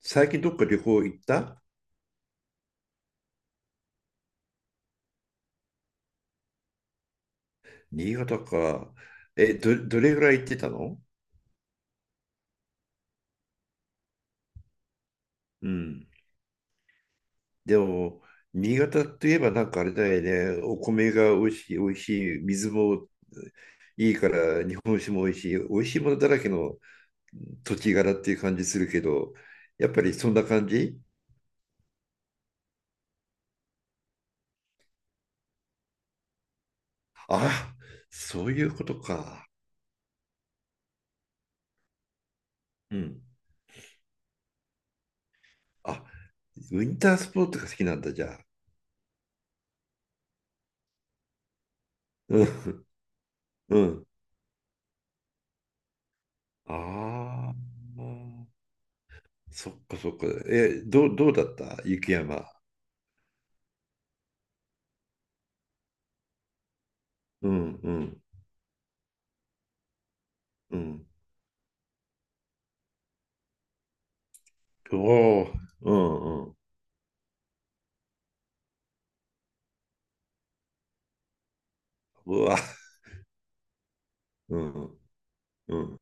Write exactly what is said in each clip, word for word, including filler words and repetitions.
最近どっか旅行行った？新潟か。え、ど、どれぐらい行ってたの？うん。でも、新潟といえばなんかあれだよね。お米が美味しい、美味しい。水もいいから、日本酒も美味しい。美味しいものだらけの土地柄っていう感じするけど、やっぱりそんな感じ？あ、そういうことか。うん。あ、ウィンタースポーツが好きなんだ、じゃあ。うん。うん。ああ。そっかそっか。え、どう、どうだった雪山？うんうんうん。おお、うんうん。うわ、うんうん。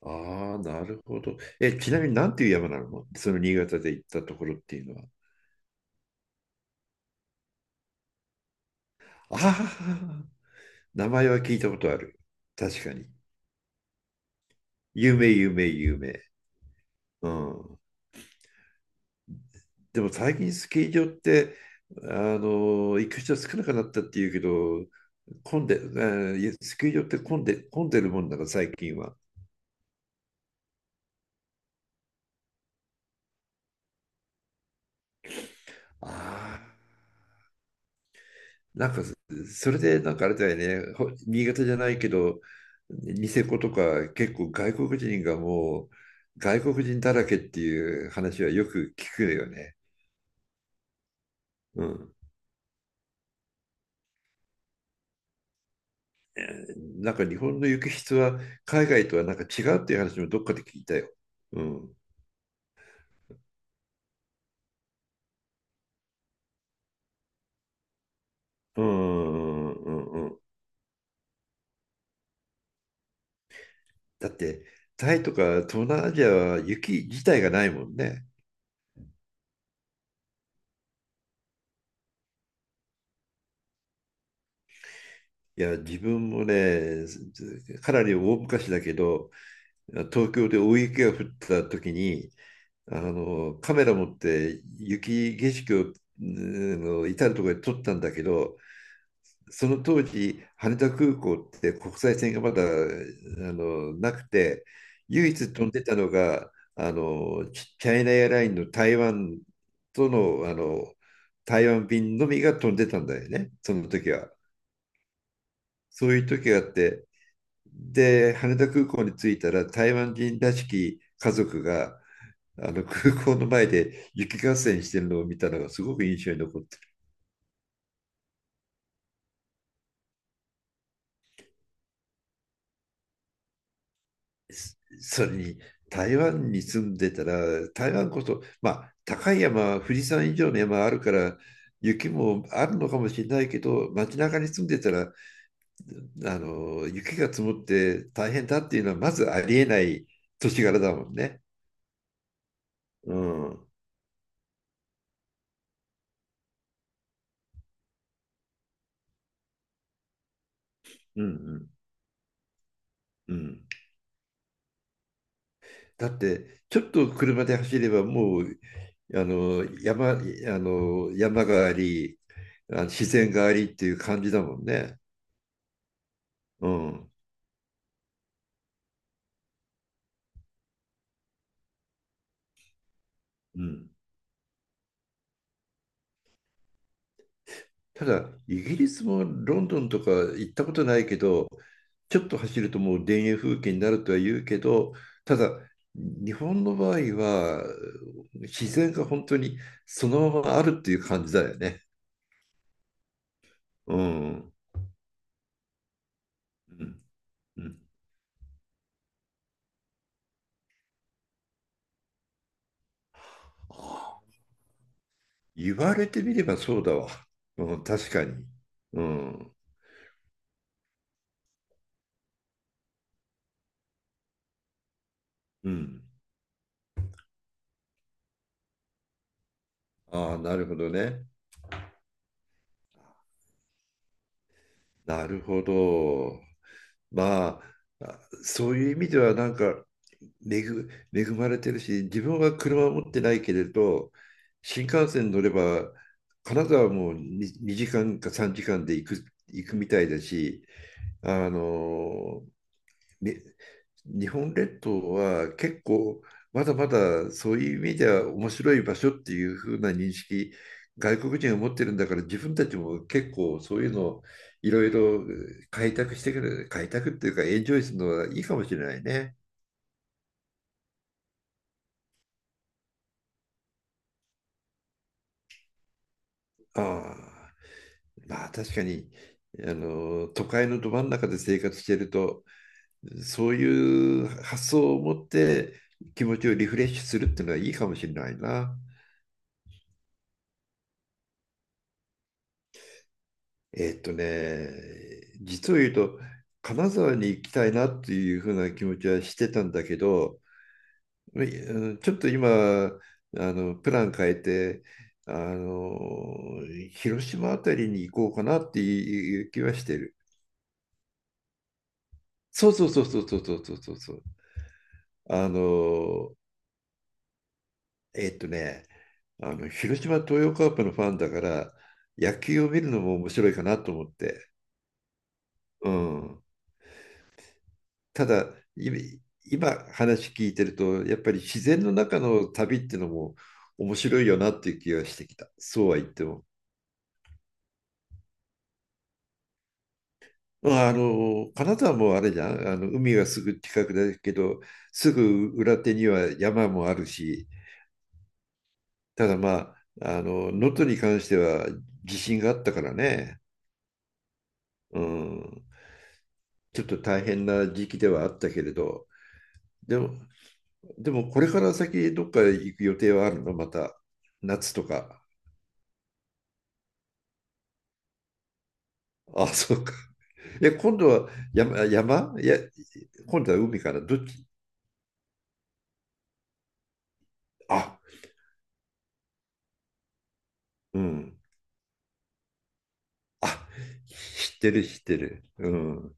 ああ、なるほど。え、ちなみになんていう山なのその新潟で行ったところっていうのは？ああ、名前は聞いたことある。確かに。有名、有名、有名。うん。でも最近スキー場って、あの、行く人少なくなったっていうけど、混んで、えースキー場って混んで、混んでるもんだから最近は。あーなんかそ、れでなんかあれだよね、ほ新潟じゃないけど、ニセコとか結構外国人がもう外国人だらけっていう話はよく聞くよね。うん。えーなんか日本の雪質は海外とはなんか違うっていう話もどっかで聞いたよ。うん。うんうんうんうん。だって、タイとか東南アジアは雪自体がないもんね。いや、自分もね、かなり大昔だけど、東京で大雪が降った時にあのカメラ持って雪景色をの至る所で撮ったんだけど、その当時羽田空港って国際線がまだあのなくて、唯一飛んでたのがあのチチャイナエアラインの台湾との、あの台湾便のみが飛んでたんだよねその時は。そういう時があって、で、羽田空港に着いたら台湾人らしき家族があの空港の前で雪合戦してるのを見たのがすごく印象に残ってる。すそれに台湾に住んでたら、台湾こそまあ高い山富士山以上の山あるから雪もあるのかもしれないけど、街中に住んでたらあの雪が積もって大変だっていうのはまずありえない年柄だもんね。うん、うん、うん、うん。だってちょっと車で走ればもうあの山、あの山があり、あの自然がありっていう感じだもんね。うん、うん、ただイギリスもロンドンとか行ったことないけど、ちょっと走るともう田園風景になるとは言うけど、ただ日本の場合は自然が本当にそのままあるっていう感じだよね。うん、うん、うん、あ、言われてみればそうだわ。うん、確かに。うん。うん。ああ、なるほどね。なるほど。まあ、あそういう意味ではなんか恵、恵まれてるし、自分は車を持ってないけれど、新幹線乗れば、金沢はも に, 時間かさんじかんで行く、行くみたいだし、あの、ね、日本列島は結構まだまだそういう意味では面白い場所っていう風な認識外国人が持ってるんだから、自分たちも結構そういうのをいろいろ開拓してくる開拓っていうかエンジョイするのはいいかもしれないね。ああ、まあ確かにあの都会のど真ん中で生活してるとそういう発想を持って気持ちをリフレッシュするっていうのはいいかもしれないな。えっとね、実を言うと、金沢に行きたいなっていうふうな気持ちはしてたんだけど、うん、ちょっと今、あのプラン変えて、あの広島あたりに行こうかなっていう気はしてる。そうそうそうそうそうそうそうそう。あのえっとね、あの広島東洋カープのファンだから、野球を見るのも面白いかなと思って。うん。ただ、今今話聞いてると、やっぱり自然の中の旅っていうのも面白いよなっていう気がしてきた。そうは言っても。まあ、あの、金沢もあれじゃん。あの、海はすぐ近くだけど、すぐ裏手には山もあるし、ただまあ、あの、能登に関しては地震があったからね。うん。ちょっと大変な時期ではあったけれど、でも、でもこれから先どっか行く予定はあるのまた、夏とか？あ、そうか。え、今度は山、山、いや、今度は海かな。どっち？あ、うん。あ、知ってる、知ってる。うん。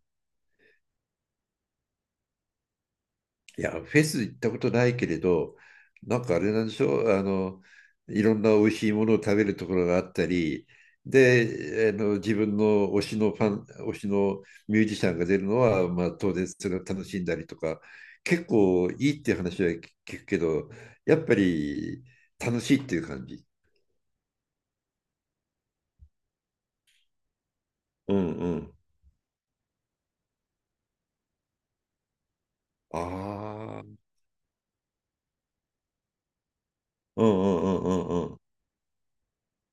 いや、フェス行ったことないけれど、なんかあれなんでしょう、あの、いろんな美味しいものを食べるところがあったり、で、あの自分の推しのファン、推しのミュージシャンが出るのは、まあ、当然それを楽しんだりとか、結構いいっていう話は聞くけど、やっぱり楽しいっていう感じ？うんうん。ああ。うんうんうんうん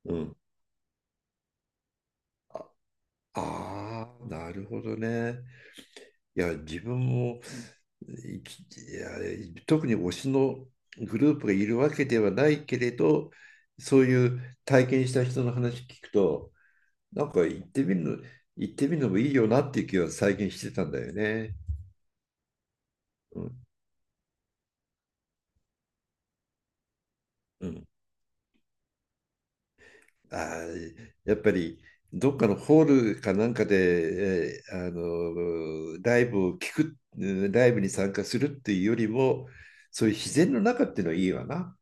うんうん。ああー、なるほどね。いや、自分も、いきいや、特に推しのグループがいるわけではないけれど、そういう体験した人の話聞くと、なんか行ってみるの、行ってみるのもいいよなっていう気は最近してたんだよね。うん。うん、あーやっぱりどっかのホールかなんかで、えーあのーライブを聞く、うんライブに参加するっていうよりも、そういう自然の中っていうのはいいわな。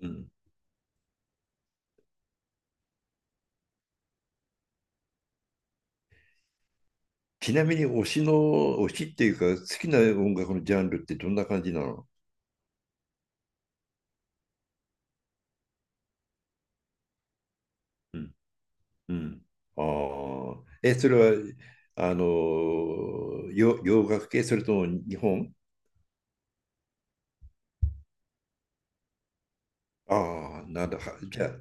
うん、ちなみに推しの、推しっていうか、好きな音楽のジャンルってどんな感じなの？うん、ああ、え、それは、あのーよ洋楽系、それとも日本。ああ、なんだ、はじゃあ、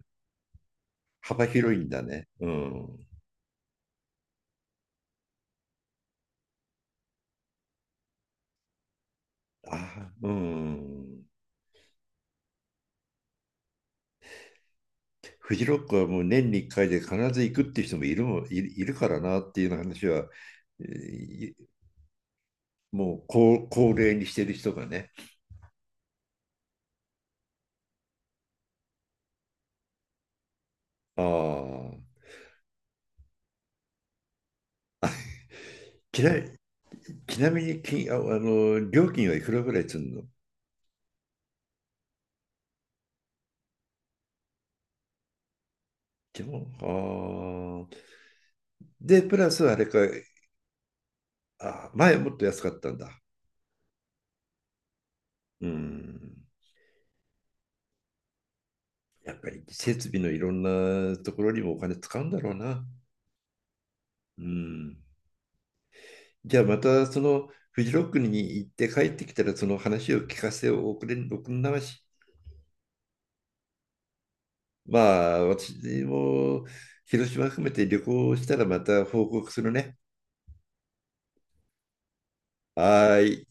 幅広いんだね。うん。ああ、うん。フジロックはもう年にいっかいで必ず行くっていう人もいる、もいいるからなっていうような話は、えーもう高高齢にしてる人がね。あ、ちなちなみにきああの料金はいくらぐらいするの？でも、あーで、プラスあれか。あ、前もっと安かったんだ。うん、やっぱり設備のいろんなところにもお金使うんだろうな。うん、じゃあまたそのフジロックに行って帰ってきたらその話を聞かせておくれ、おくんまし。まあ私も広島含めて旅行したらまた報告するね。はーい。